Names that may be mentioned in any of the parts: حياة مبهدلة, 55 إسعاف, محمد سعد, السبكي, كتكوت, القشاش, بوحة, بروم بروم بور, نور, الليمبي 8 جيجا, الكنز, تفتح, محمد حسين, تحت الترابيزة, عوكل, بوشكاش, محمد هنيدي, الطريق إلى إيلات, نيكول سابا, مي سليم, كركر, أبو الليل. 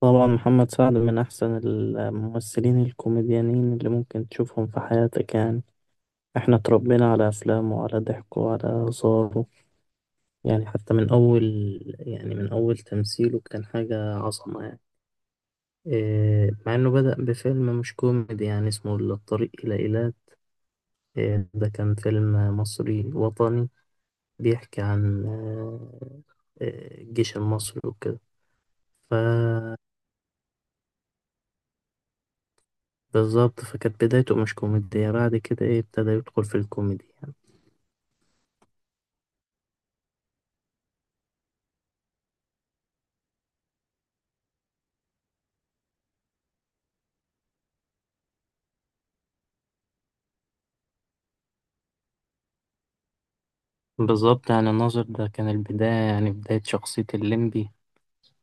طبعا محمد سعد من أحسن الممثلين الكوميديانين اللي ممكن تشوفهم في حياتك يعني. احنا اتربينا على أفلامه وعلى ضحكه وعلى هزاره. يعني حتى من أول، يعني من أول تمثيله كان حاجة عظمة يعني. مع إنه بدأ بفيلم مش كوميدي يعني اسمه الطريق إلى إيلات. ده كان فيلم مصري وطني بيحكي عن الجيش المصري وكده. فبالظبط، فكانت بدايته مش كوميدية، بعد كده إيه ابتدى يدخل في الكوميدي يعني. بالظبط، يعني الناظر ده كان البداية، يعني بداية شخصية الليمبي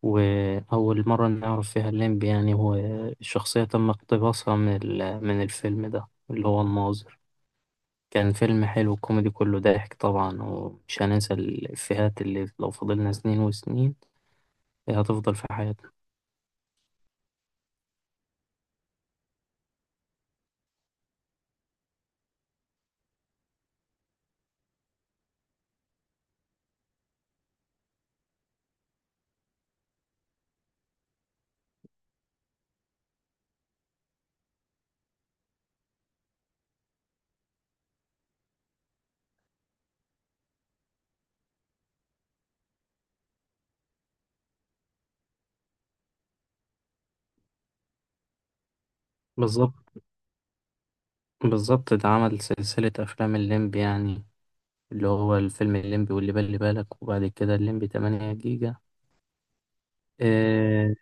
وأول مرة نعرف فيها الليمبي. يعني هو الشخصية تم اقتباسها من من الفيلم ده اللي هو الناظر. كان فيلم حلو كوميدي كله ضحك طبعا، ومش هننسى الإفيهات اللي لو فضلنا سنين وسنين هتفضل في حياتنا. بالظبط. بالظبط، ده عمل سلسلة أفلام الليمبي يعني، اللي هو الفيلم الليمبي واللي بالي بالك وبعد كده الليمبي 8 جيجا. إيه،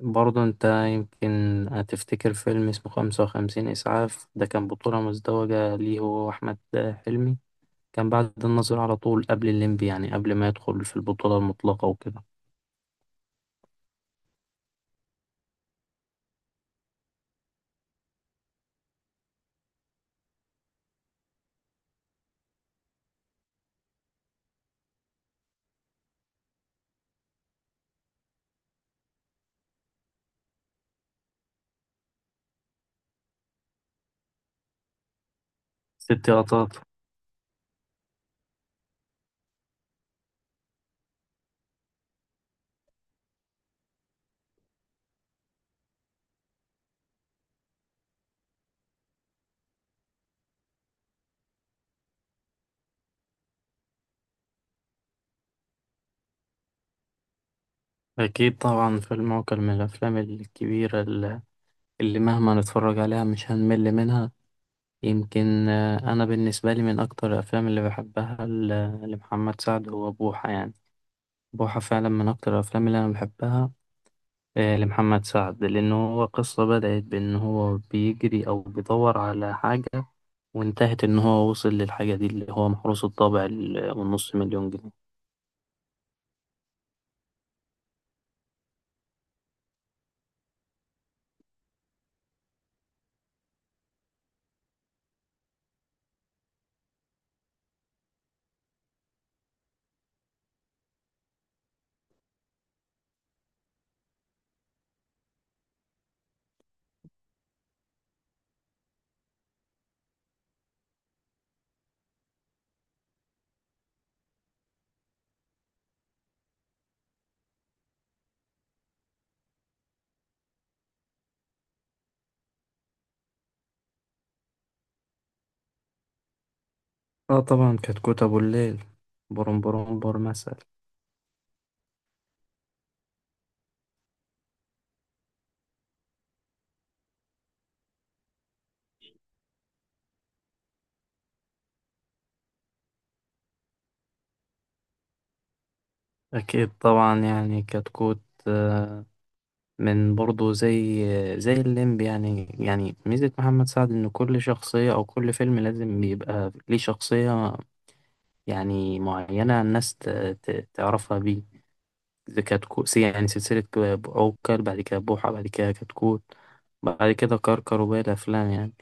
برضه أنت يمكن هتفتكر فيلم اسمه 55 إسعاف، ده كان بطولة مزدوجة ليه هو وأحمد حلمي. كان بعد النظر على طول قبل الليمبي، يعني قبل ما يدخل في البطولة المطلقة وكده. ست لقطات. أكيد طبعا، فيلم عوكل من الأفلام الكبيرة اللي مهما نتفرج عليها مش هنمل منها. يمكن أنا بالنسبة لي من أكتر الأفلام اللي بحبها لمحمد سعد هو بوحة يعني. بوحة فعلا من أكتر الأفلام اللي أنا بحبها لمحمد سعد، لأنه هو قصة بدأت بأن هو بيجري أو بيدور على حاجة، وانتهت إن هو وصل للحاجة دي اللي هو محروس الطابع والنص مليون جنيه. آه طبعا، كتكوت أبو الليل، بروم بروم بور مثلا. أكيد طبعا يعني كتكوت، آه، من برضه زي الليمب يعني. يعني ميزة محمد سعد إن كل شخصية أو كل فيلم لازم بيبقى ليه شخصية يعني معينة الناس تعرفها بيه. زي كتكوت، يعني سلسلة عوكل بعد كده بوحة بعد كده كتكوت بعد كده كركر وباقي الأفلام يعني.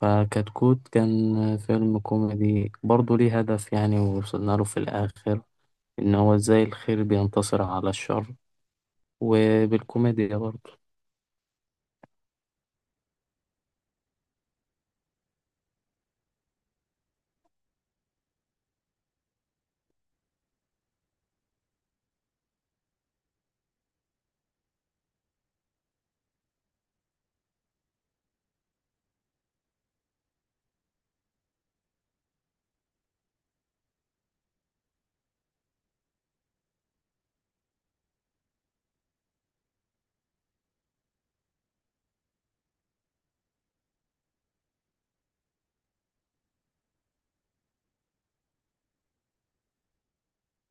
فكتكوت كان فيلم كوميدي برضه ليه هدف يعني، ووصلنا له في الآخر إن هو إزاي الخير بينتصر على الشر، وبالكوميديا برضه.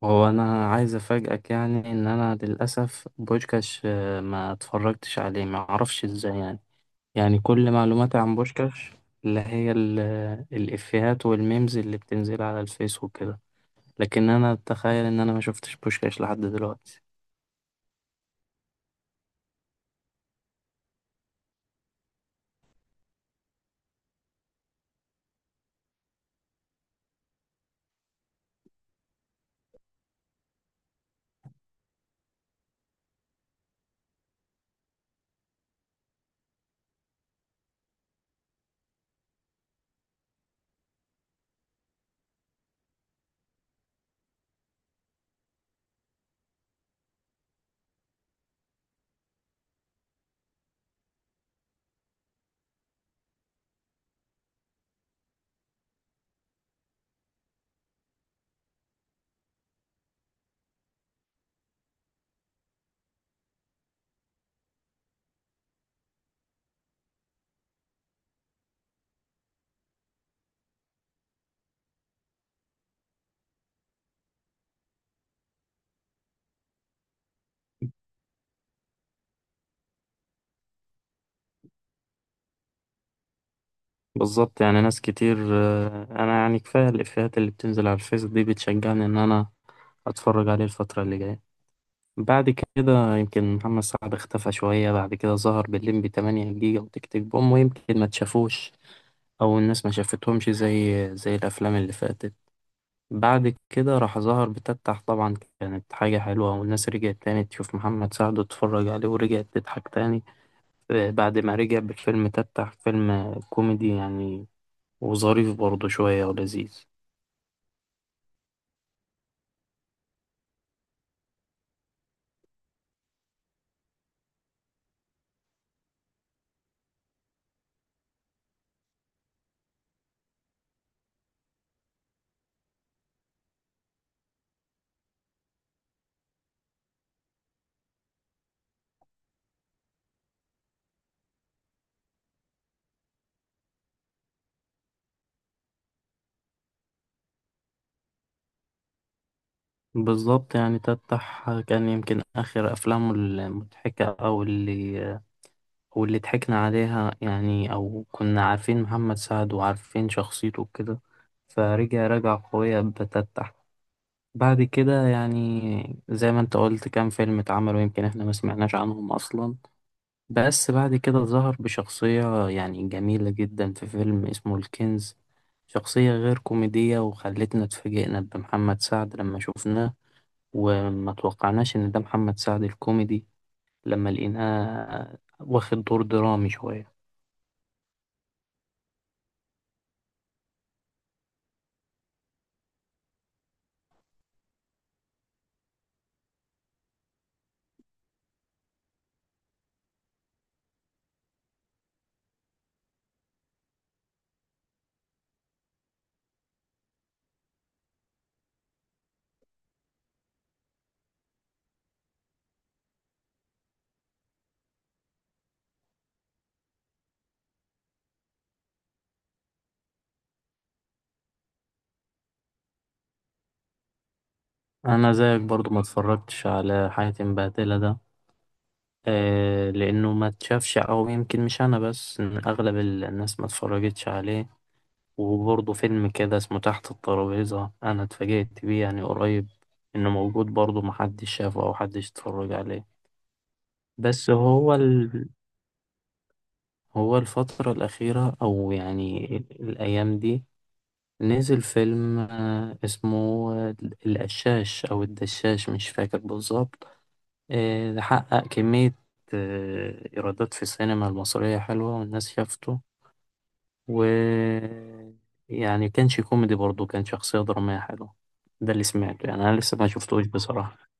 هو انا عايز افاجئك، يعني ان انا للاسف بوشكاش ما اتفرجتش عليه ما اعرفش ازاي يعني. يعني كل معلوماتي عن بوشكاش اللي هي الافيهات والميمز اللي بتنزل على الفيس وكده. لكن انا اتخيل ان انا ما شفتش بوشكاش لحد دلوقتي. بالظبط، يعني ناس كتير، انا يعني كفايه الافيهات اللي بتنزل على الفيس دي بتشجعني ان انا اتفرج عليه الفتره اللي جايه. بعد كده يمكن محمد سعد اختفى شوية، بعد كده ظهر بالليمبي 8 جيجا وتيك تيك بوم، ويمكن ما تشافوش أو الناس ما شافتهمش زي الأفلام اللي فاتت. بعد كده راح ظهر بتفتح طبعا، كانت حاجة حلوة والناس رجعت تاني تشوف محمد سعد وتتفرج عليه ورجعت تضحك تاني. بعد ما رجع بفيلم تفتح، فيلم كوميدي يعني، وظريف برضه شوية ولذيذ. بالظبط، يعني تفتح كان يمكن آخر أفلامه المضحكة أو واللي ضحكنا عليها يعني، أو كنا عارفين محمد سعد وعارفين شخصيته وكده. فرجع، رجع قوية بتتح. بعد كده يعني زي ما انت قلت كام فيلم اتعملوا يمكن احنا ما سمعناش عنهم أصلا. بس بعد كده ظهر بشخصية يعني جميلة جدا في فيلم اسمه الكنز، شخصية غير كوميدية وخلتنا اتفاجئنا بمحمد سعد لما شفناه، وما توقعناش إن ده محمد سعد الكوميدي لما لقيناه واخد دور درامي شوية. انا زيك برضو ما اتفرجتش على حياة مبهدلة ده. آه لانه ما اتشافش، او يمكن مش انا بس، إن اغلب الناس ما اتفرجتش عليه. وبرضه فيلم كده اسمه تحت الترابيزة، انا اتفاجئت بيه يعني قريب، انه موجود برضه محدش شافه او حدش اتفرج عليه. بس هو هو الفترة الأخيرة أو يعني الأيام دي نزل فيلم اسمه آه، القشاش أو الدشاش مش فاكر بالظبط. ده حقق كمية إيرادات في السينما المصرية حلوة والناس شافته. و يعني كانش كوميدي برضه، كان شخصية درامية حلوة، ده اللي سمعته يعني، أنا لسه ما شفتوش بصراحة.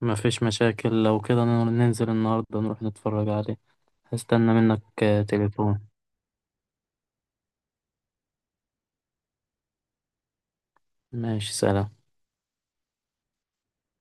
ما فيش مشاكل، لو كده ننزل النهاردة نروح نتفرج عليه. هستنى منك تليفون. ماشي، سلام.